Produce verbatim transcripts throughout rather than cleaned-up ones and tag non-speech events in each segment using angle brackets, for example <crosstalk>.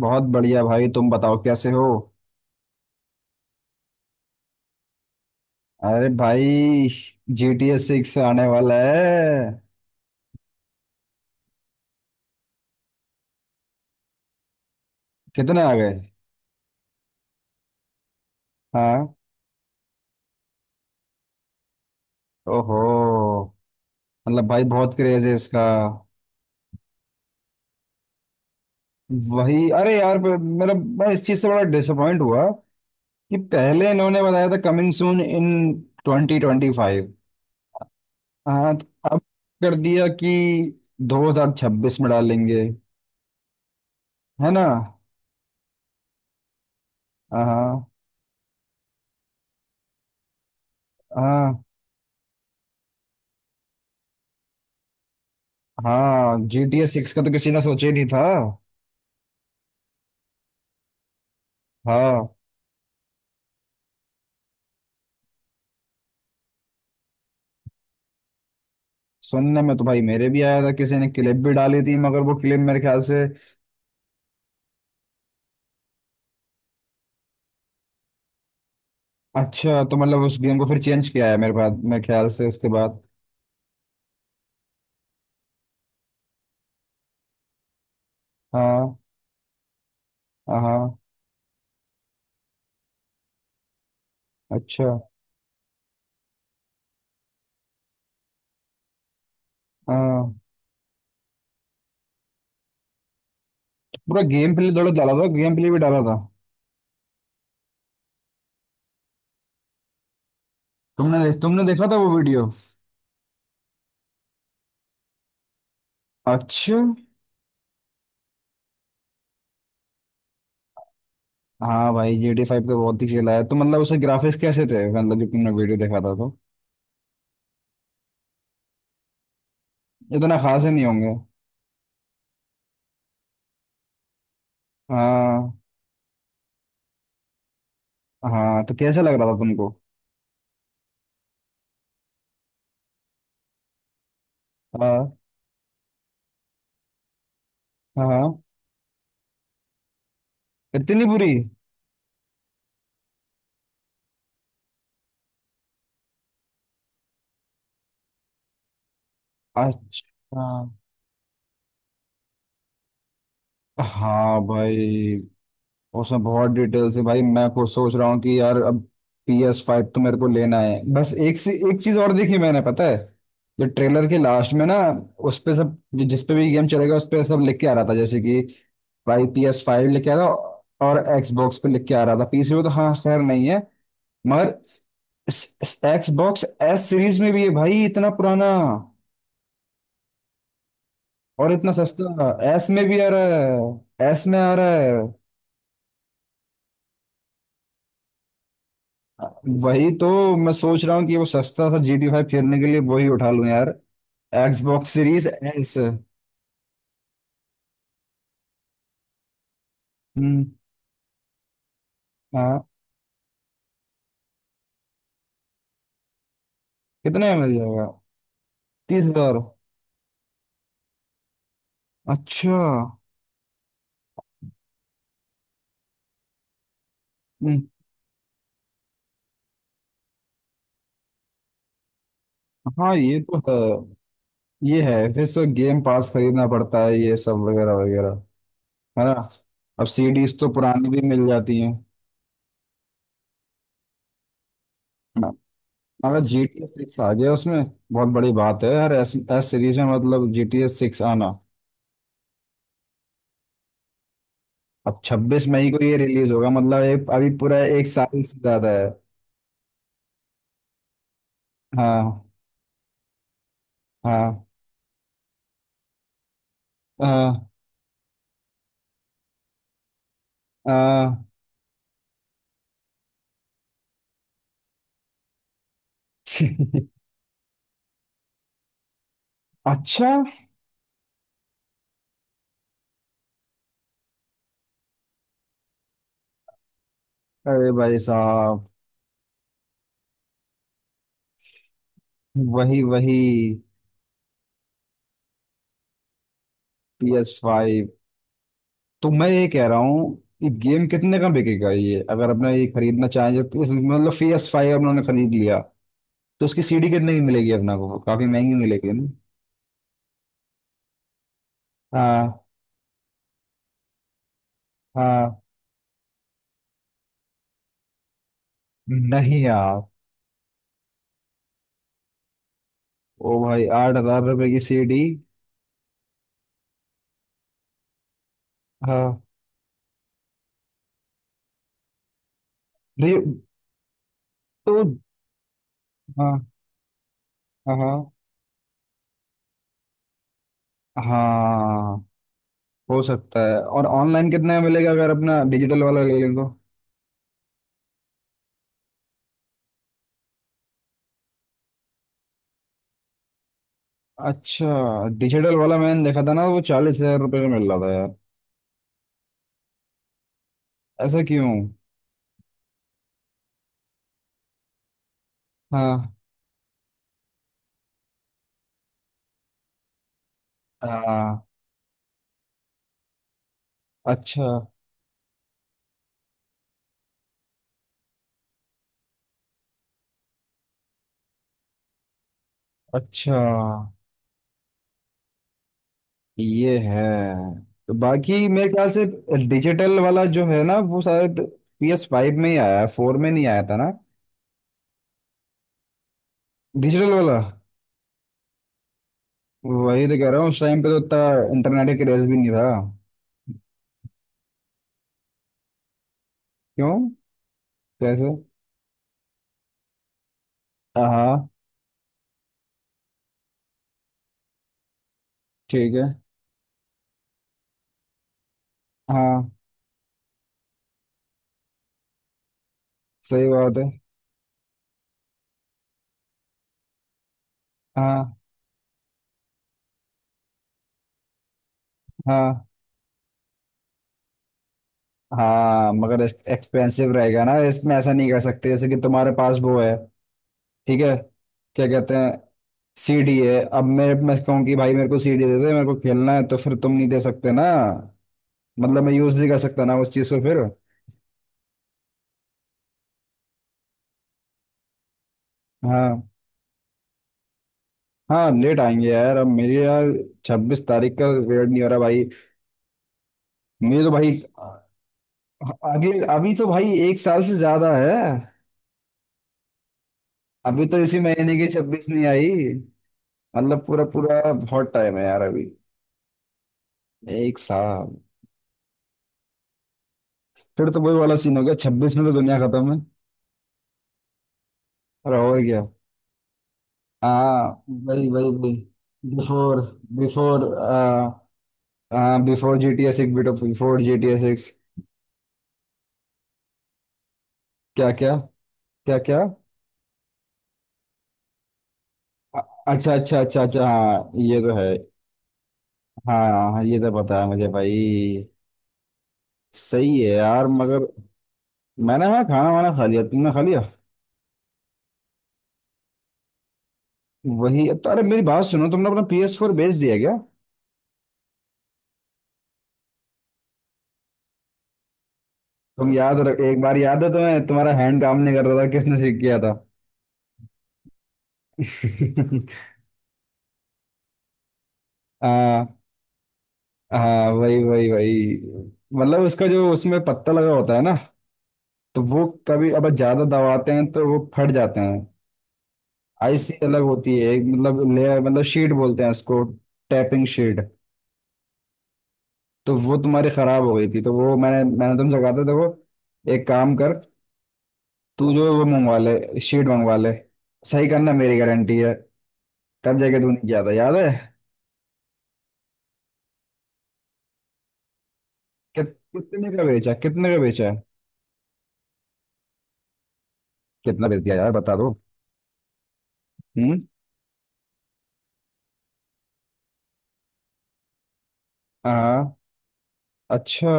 बहुत बढ़िया भाई, तुम बताओ कैसे हो? अरे भाई, जी टी एस सिक्स आने वाला है। कितने आ गए? हाँ। ओहो। मतलब भाई बहुत क्रेज है इसका। वही, अरे यार, प- मेरा... मैं इस चीज से बड़ा डिसअपॉइंट हुआ कि पहले इन्होंने बताया था coming soon in twenty twenty five. हाँ तो अब कर दिया कि दो हजार छब्बीस में डालेंगे। है ना? हाँ। हाँ। हाँ, जी टी एस सिक्स का तो किसी ने सोचा ही नहीं था। हाँ। सुनने में तो भाई मेरे भी आया था, किसी ने क्लिप भी डाली थी, मगर वो क्लिप मेरे ख्याल से... अच्छा, तो मतलब उस गेम को फिर चेंज किया है मेरे बाद, मेरे ख्याल से उसके बाद? हाँ। हाँ। अच्छा। हाँ। पूरा गेम प्ले थोड़ा डाला था, गेम प्ले भी डाला था? तुमने तुमने देखा था वो वीडियो? अच्छा। हाँ भाई, जी टी फाइव का बहुत ही खेला है, तो मतलब उसके ग्राफिक्स कैसे थे, मतलब जो तुमने वीडियो देखा था तो? इतना खास ही नहीं होंगे। हाँ। हाँ तो कैसा लग रहा था तुमको? हाँ। हाँ। इतनी बुरी? अच्छा। हाँ भाई उसमें बहुत डिटेल से, भाई मैं खुद सोच रहा हूँ कि यार अब पी एस फाइव तो मेरे को लेना है। बस एक से एक चीज और देखी मैंने, पता है? जो ट्रेलर के लास्ट में ना, उस पे सब, जिस पे भी गेम चलेगा उस पे सब लिख के आ रहा था, जैसे कि भाई पी एस फाइव लिख के आ रहा, और Xbox पे लिख के आ रहा था, पीसी पे तो हाँ खैर नहीं है। मगर Xbox एस सीरीज में भी है भाई, इतना पुराना और इतना सस्ता। एस में भी आ रहा है, एस में आ रहा है। वही तो, मैं सोच रहा हूँ कि वो सस्ता सा जी टी फाइव खेलने के लिए वही उठा लूँ यार, एक्सबॉक्स सीरीज एक्स। हम्म। हाँ। कितने में मिल जाएगा? तीस हजार? अच्छा। हम्म, हाँ ये तो है। ये है, फिर से गेम पास खरीदना पड़ता है, ये सब वगैरह वगैरह। है ना? अब सीडीज तो पुरानी भी मिल जाती हैं। हाँ, अगर जी टी ए सिक्स आ गया उसमें बहुत बड़ी बात है यार। एस, एस सीरीज में मतलब जी टी ए सिक्स आना! अब छब्बीस मई को ये रिलीज होगा मतलब एक... अभी पूरा एक साल से ज्यादा है। हाँ। हाँ। हाँ। हाँ। <laughs> अच्छा। अरे भाई साहब! वही वही। P S five? तो मैं ये कह रहा हूँ, ये गेम कितने का बिकेगा ये, अगर अपना ये खरीदना चाहें, जब इस- मतलब पी एस फाइव उन्होंने खरीद लिया तो उसकी सीडी कितने की मिलेगी? अपना को काफी महंगी मिलेगी ना? हाँ। हाँ। नहीं यार। ओ भाई आठ हजार रुपए की सीडी? हाँ। नहीं। तो? हाँ। हाँ। हाँ, हो सकता है। और ऑनलाइन कितने में मिलेगा, अगर अपना डिजिटल वाला ले लें तो? अच्छा। डिजिटल वाला मैंने देखा था ना, वो चालीस हजार रुपये का मिल रहा था यार। ऐसा क्यों? हाँ। हाँ। अच्छा। अच्छा। ये है। तो बाकी मेरे ख्याल से डिजिटल वाला जो है ना वो शायद पी एस फाइव में ही आया है, फोर में नहीं आया था ना? डिजिटल वाला? वही तो कह रहा हूँ, उस टाइम पे तो इतना इंटरनेट का क्रेज भी नहीं था। क्यों? कैसे? हाँ। ठीक है। हाँ, सही बात है। हाँ। हाँ। हाँ मगर एक्सपेंसिव रहेगा ना, इसमें ऐसा नहीं कर सकते जैसे कि तुम्हारे पास वो है। ठीक है। क्या कहते हैं? सीडी है अब, मैं मैं कहूँ कि भाई मेरे को सीडी दे दे, मेरे को खेलना है तो फिर तुम नहीं दे सकते ना? मतलब मैं यूज नहीं कर सकता ना उस चीज को फिर। हाँ। हाँ लेट आएंगे यार। अब मेरी यार, छब्बीस तारीख का वेट नहीं हो रहा भाई। मुझे तो भाई... अगले, अभी तो भाई एक साल से ज्यादा है। अभी तो इसी महीने की छब्बीस नहीं आई, मतलब पूरा पूरा बहुत टाइम है यार अभी। एक साल। फिर तो वही वाला सीन हो गया, छब्बीस में तो दुनिया खत्म है। और और क्या। हाँ वही वही वही। बिफोर। बिफोर। हाँ before G T S six, bit before G T A six. क्या क्या? क्या क्या? अ- अच्छा अच्छा अच्छा अच्छा, हाँ ये तो है। हाँ हाँ ये तो पता है मुझे भाई। सही है यार, मगर... मैंने, हाँ, खाना वाना खा लिया, तुमने खा लिया? वही तो। अरे मेरी बात सुनो, तुमने अपना पी एस फोर बेच दिया? तुम याद रख, एक बार याद है तुम्हें तुम्हारा हैंड काम नहीं कर रहा था, किसने ठीक किया था? <laughs> हाँ। हाँ वही वही वही, मतलब उसका जो उसमें पत्ता लगा होता है ना, तो वो कभी अब ज्यादा दबाते हैं तो वो फट जाते हैं। आईसी अलग होती है, एक मतलब लेयर, मतलब शीट बोलते हैं उसको, टैपिंग शीट। तो वो तुम्हारी खराब हो गई थी, तो वो मैंने मैंने तुमसे कहा था, देखो एक काम कर, तू जो वो मंगवा ले, शीट मंगवा ले, सही करना मेरी गारंटी है, तब जाके तूने किया था याद है? कित, कितने का बेचा? कितने का बेचा है? कितना बेच दिया यार, बता दो। हम्म। हाँ। अच्छा।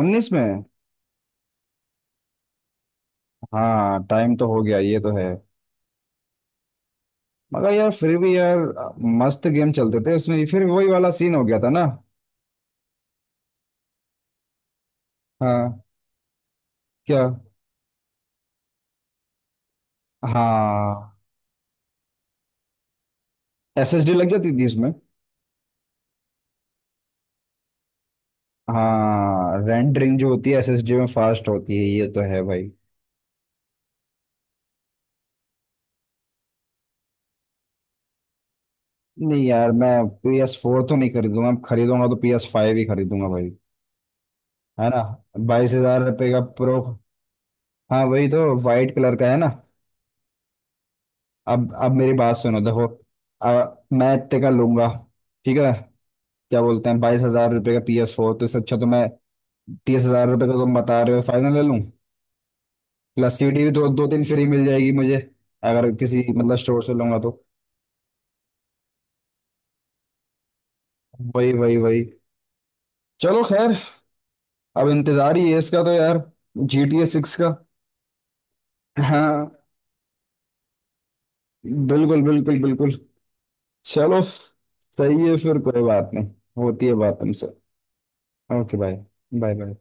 उन्नीस में? हाँ टाइम तो हो गया, ये तो है। मगर यार फिर भी यार, मस्त गेम चलते थे उसमें, फिर वही वाला सीन हो गया था ना। हाँ। क्या? हाँ एसएसडी लग जाती थी इसमें? हाँ, रेंडरिंग जो होती है एसएसडी में फास्ट होती है, ये तो है भाई। नहीं यार मैं पी एस फ़ोर फोर तो नहीं खरीदूंगा, खरीदूंगा तो पी एस फ़ाइव फाइव ही खरीदूंगा भाई। है ना? बाईस हजार रुपये का प्रो? हाँ वही तो, वाइट कलर का है ना? अब अब मेरी बात सुनो देखो, अ, मैं इतने का लूंगा, ठीक है? क्या बोलते हैं, बाईस हजार रुपये का पी एस फोर, तो इससे अच्छा तो मैं तीस हजार रुपये का तो तुम बता रहे हो, फाइनल ले लूँ। प्लस सीडी भी दो दो तीन फ्री मिल जाएगी मुझे, अगर किसी मतलब स्टोर से लूंगा तो। वही वही वही। चलो खैर, अब इंतजार ही है इसका तो यार, जी टी ए सिक्स का। हाँ बिल्कुल बिल्कुल बिल्कुल। चलो सही है, फिर कोई बात नहीं। होती है बात तुमसे। Okay bye. Bye bye.